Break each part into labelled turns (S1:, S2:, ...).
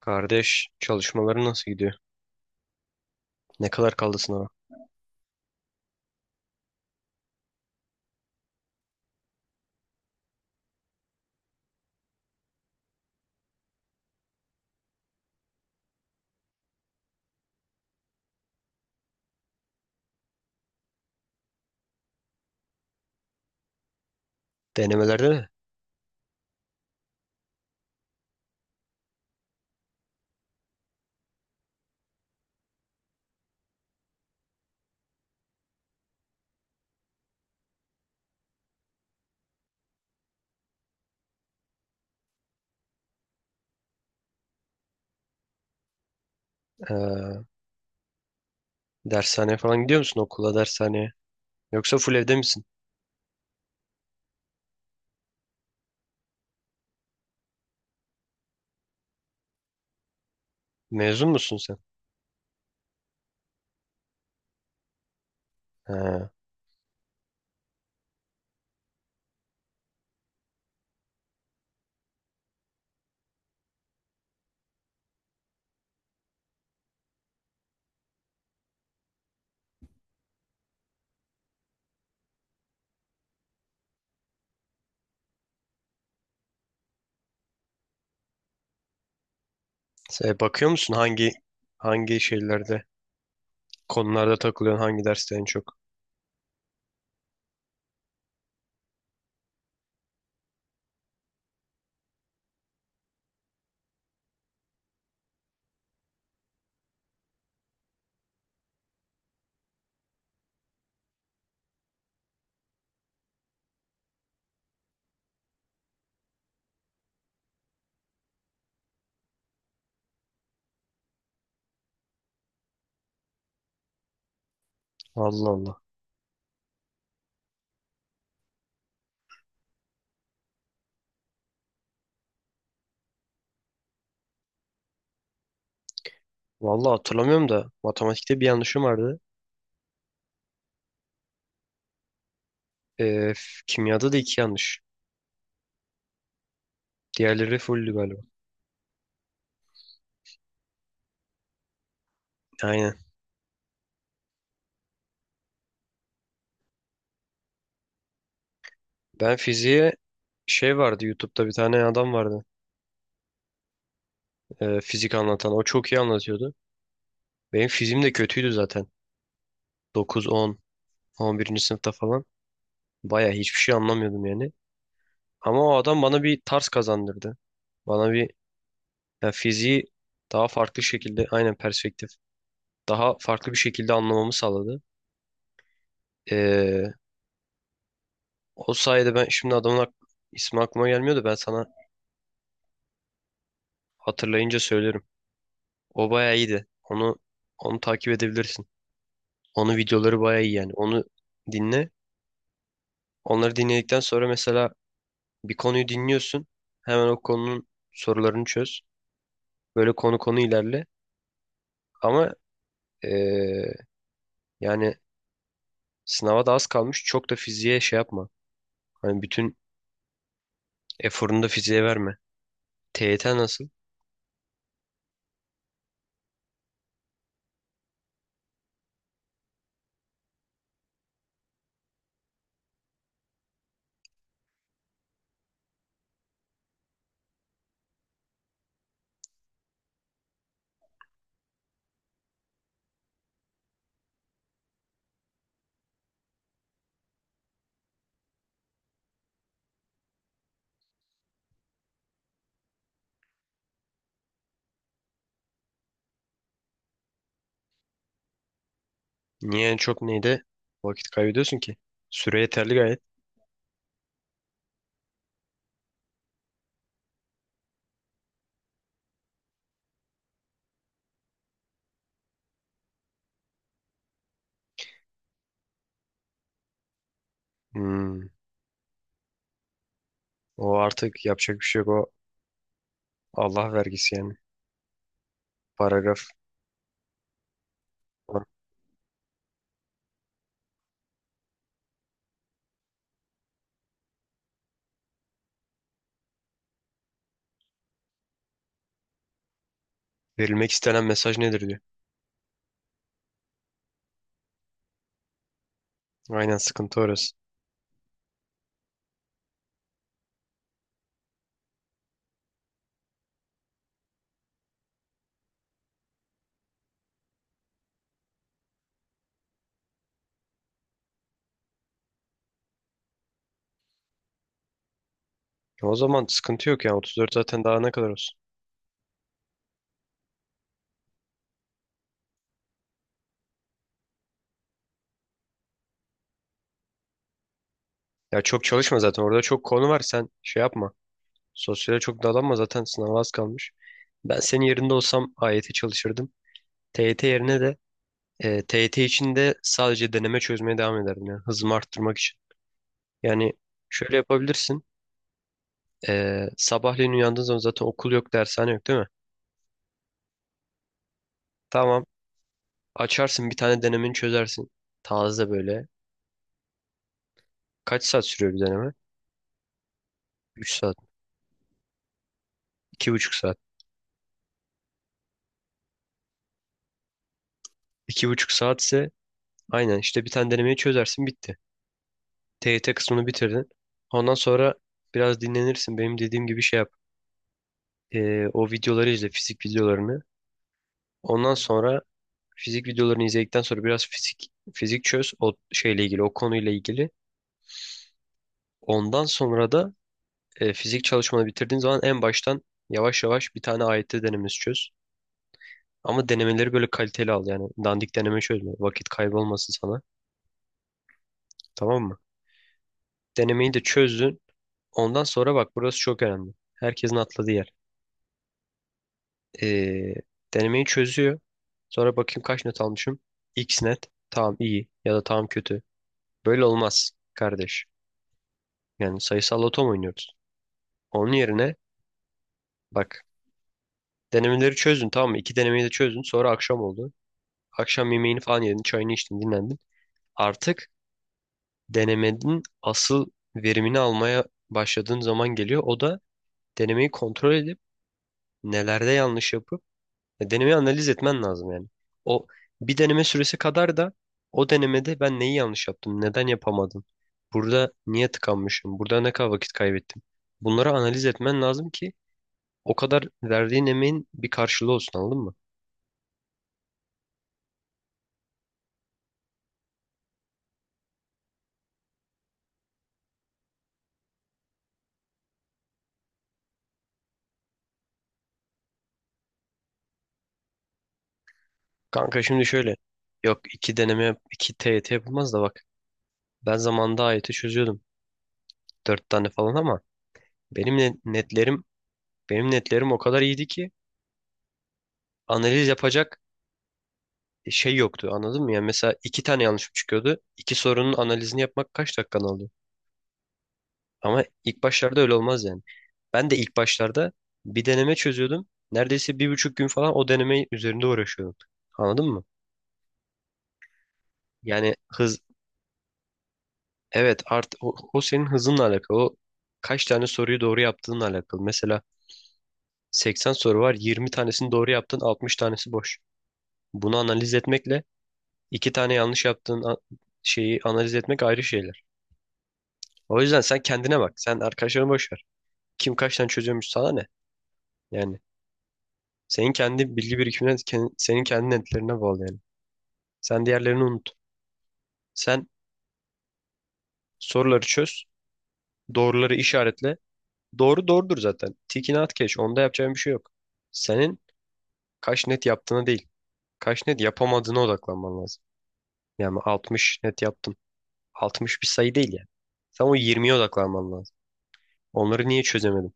S1: Kardeş çalışmaları nasıl gidiyor? Ne kadar kaldı sınava? Denemelerde mi? Ee, Dershaneye falan gidiyor musun? Okula, dershaneye. Yoksa full evde misin? Mezun musun sen? Ha. Sen bakıyor musun hangi şeylerde, konularda takılıyorsun, hangi derste en çok? Allah Allah. Vallahi hatırlamıyorum da matematikte bir yanlışım vardı. Kimyada da iki yanlış. Diğerleri fulldü galiba. Aynen. Ben fiziğe şey vardı, YouTube'da bir tane adam vardı. Fizik anlatan. O çok iyi anlatıyordu. Benim fizim de kötüydü zaten. 9, 10, 11. sınıfta falan. Baya hiçbir şey anlamıyordum yani. Ama o adam bana bir tarz kazandırdı. Bana bir, yani fiziği daha farklı şekilde, aynen perspektif. Daha farklı bir şekilde anlamamı sağladı. Ee, O sayede ben şimdi adamın ismi aklıma gelmiyor da ben sana hatırlayınca söylerim. O baya iyiydi. Onu takip edebilirsin. Onun videoları baya iyi yani. Onu dinle. Onları dinledikten sonra mesela bir konuyu dinliyorsun. Hemen o konunun sorularını çöz. Böyle konu konu ilerle. Ama eee, yani sınava da az kalmış. Çok da fiziğe şey yapma. Hani bütün eforunu da fiziğe verme. TYT nasıl? Niye en çok neyde vakit kaybediyorsun ki? Süre yeterli gayet. Hmm. O artık yapacak bir şey yok. O Allah vergisi yani. Paragraf. Falan. Verilmek istenen mesaj nedir diyor. Aynen, sıkıntı orası. O zaman sıkıntı yok yani. 34 zaten daha ne kadar olsun. Ya çok çalışma zaten orada çok konu var, sen şey yapma. Sosyale çok dalanma zaten sınava az kalmış. Ben senin yerinde olsam AYT çalışırdım. TYT yerine de TYT için de sadece deneme çözmeye devam ederdim yani hızımı arttırmak için. Yani şöyle yapabilirsin. Sabahleyin uyandığın zaman zaten okul yok, dershane yok değil mi? Tamam. Açarsın, bir tane denemeni çözersin. Taze böyle. Kaç saat sürüyor bir deneme? 3 saat. 2,5 saat. 2,5 saat ise aynen işte bir tane denemeyi çözersin bitti. TYT kısmını bitirdin. Ondan sonra biraz dinlenirsin. Benim dediğim gibi şey yap. O videoları izle, fizik videolarını. Ondan sonra fizik videolarını izledikten sonra biraz fizik fizik çöz o şeyle ilgili, o konuyla ilgili. Ondan sonra da fizik çalışmanı bitirdiğin zaman en baştan yavaş yavaş bir tane AYT denemesi çöz. Ama denemeleri böyle kaliteli al yani. Dandik deneme çözme. Vakit kaybolmasın sana. Tamam mı? Denemeyi de çözdün. Ondan sonra bak, burası çok önemli. Herkesin atladığı yer. Ee, Denemeyi çözüyor. Sonra bakayım kaç net almışım. X net. Tamam iyi ya da tamam kötü. Böyle olmaz kardeş. Yani sayısal loto mu oynuyoruz? Onun yerine bak, denemeleri çözdün tamam mı? İki denemeyi de çözdün. Sonra akşam oldu. Akşam yemeğini falan yedin. Çayını içtin, dinlendin. Artık denemenin asıl verimini almaya başladığın zaman geliyor. O da denemeyi kontrol edip nelerde yanlış yapıp denemeyi analiz etmen lazım yani. O bir deneme süresi kadar da o denemede ben neyi yanlış yaptım, neden yapamadım, burada niye tıkanmışım, burada ne kadar vakit kaybettim. Bunları analiz etmen lazım ki o kadar verdiğin emeğin bir karşılığı olsun anladın mı? Kanka şimdi şöyle, yok iki deneme, iki TYT yapılmaz da bak ben zamanında AYT çözüyordum. Dört tane falan ama benim ne- netlerim, benim netlerim o kadar iyiydi ki analiz yapacak şey yoktu anladın mı? Yani mesela iki tane yanlışım çıkıyordu. İki sorunun analizini yapmak kaç dakikanı alıyor? Ama ilk başlarda öyle olmaz yani. Ben de ilk başlarda bir deneme çözüyordum. Neredeyse 1,5 gün falan o deneme üzerinde uğraşıyordum. Anladın mı? Yani hız, evet, o senin hızınla alakalı. O kaç tane soruyu doğru yaptığınla alakalı. Mesela 80 soru var. 20 tanesini doğru yaptın, 60 tanesi boş. Bunu analiz etmekle iki tane yanlış yaptığın şeyi analiz etmek ayrı şeyler. O yüzden sen kendine bak. Sen arkadaşlarını boş ver. Kim kaç tane çözüyormuş sana ne? Yani senin kendi bilgi birikimine, senin kendi netlerine bağlı yani. Sen diğerlerini unut. Sen soruları çöz, doğruları işaretle. Doğru doğrudur zaten. Tikini at geç. Onda yapacağın bir şey yok. Senin kaç net yaptığına değil, kaç net yapamadığına odaklanman lazım. Yani 60 net yaptın. 60 bir sayı değil yani. Sen o 20'ye odaklanman lazım. Onları niye çözemedin?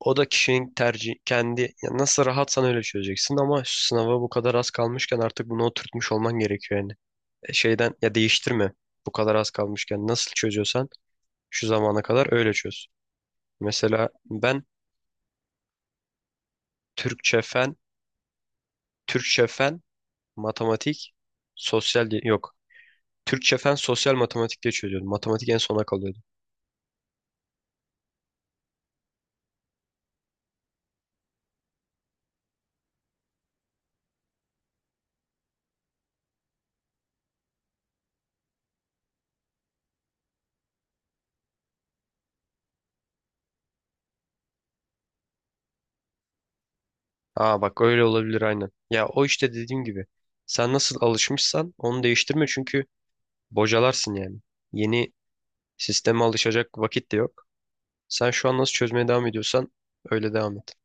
S1: O da kişinin tercih kendi, ya nasıl rahatsan öyle çözeceksin ama şu sınava bu kadar az kalmışken artık bunu oturtmuş olman gerekiyor yani. Şeyden ya değiştirme. Bu kadar az kalmışken nasıl çözüyorsan şu zamana kadar öyle çöz. Mesela ben Türkçe fen, Türkçe fen, matematik, sosyal diye yok. Türkçe fen sosyal matematik diye çözüyordum. Matematik en sona kalıyordu. Aa bak, öyle olabilir aynen. Ya o işte dediğim gibi. Sen nasıl alışmışsan onu değiştirme çünkü bocalarsın yani. Yeni sisteme alışacak vakit de yok. Sen şu an nasıl çözmeye devam ediyorsan öyle devam et.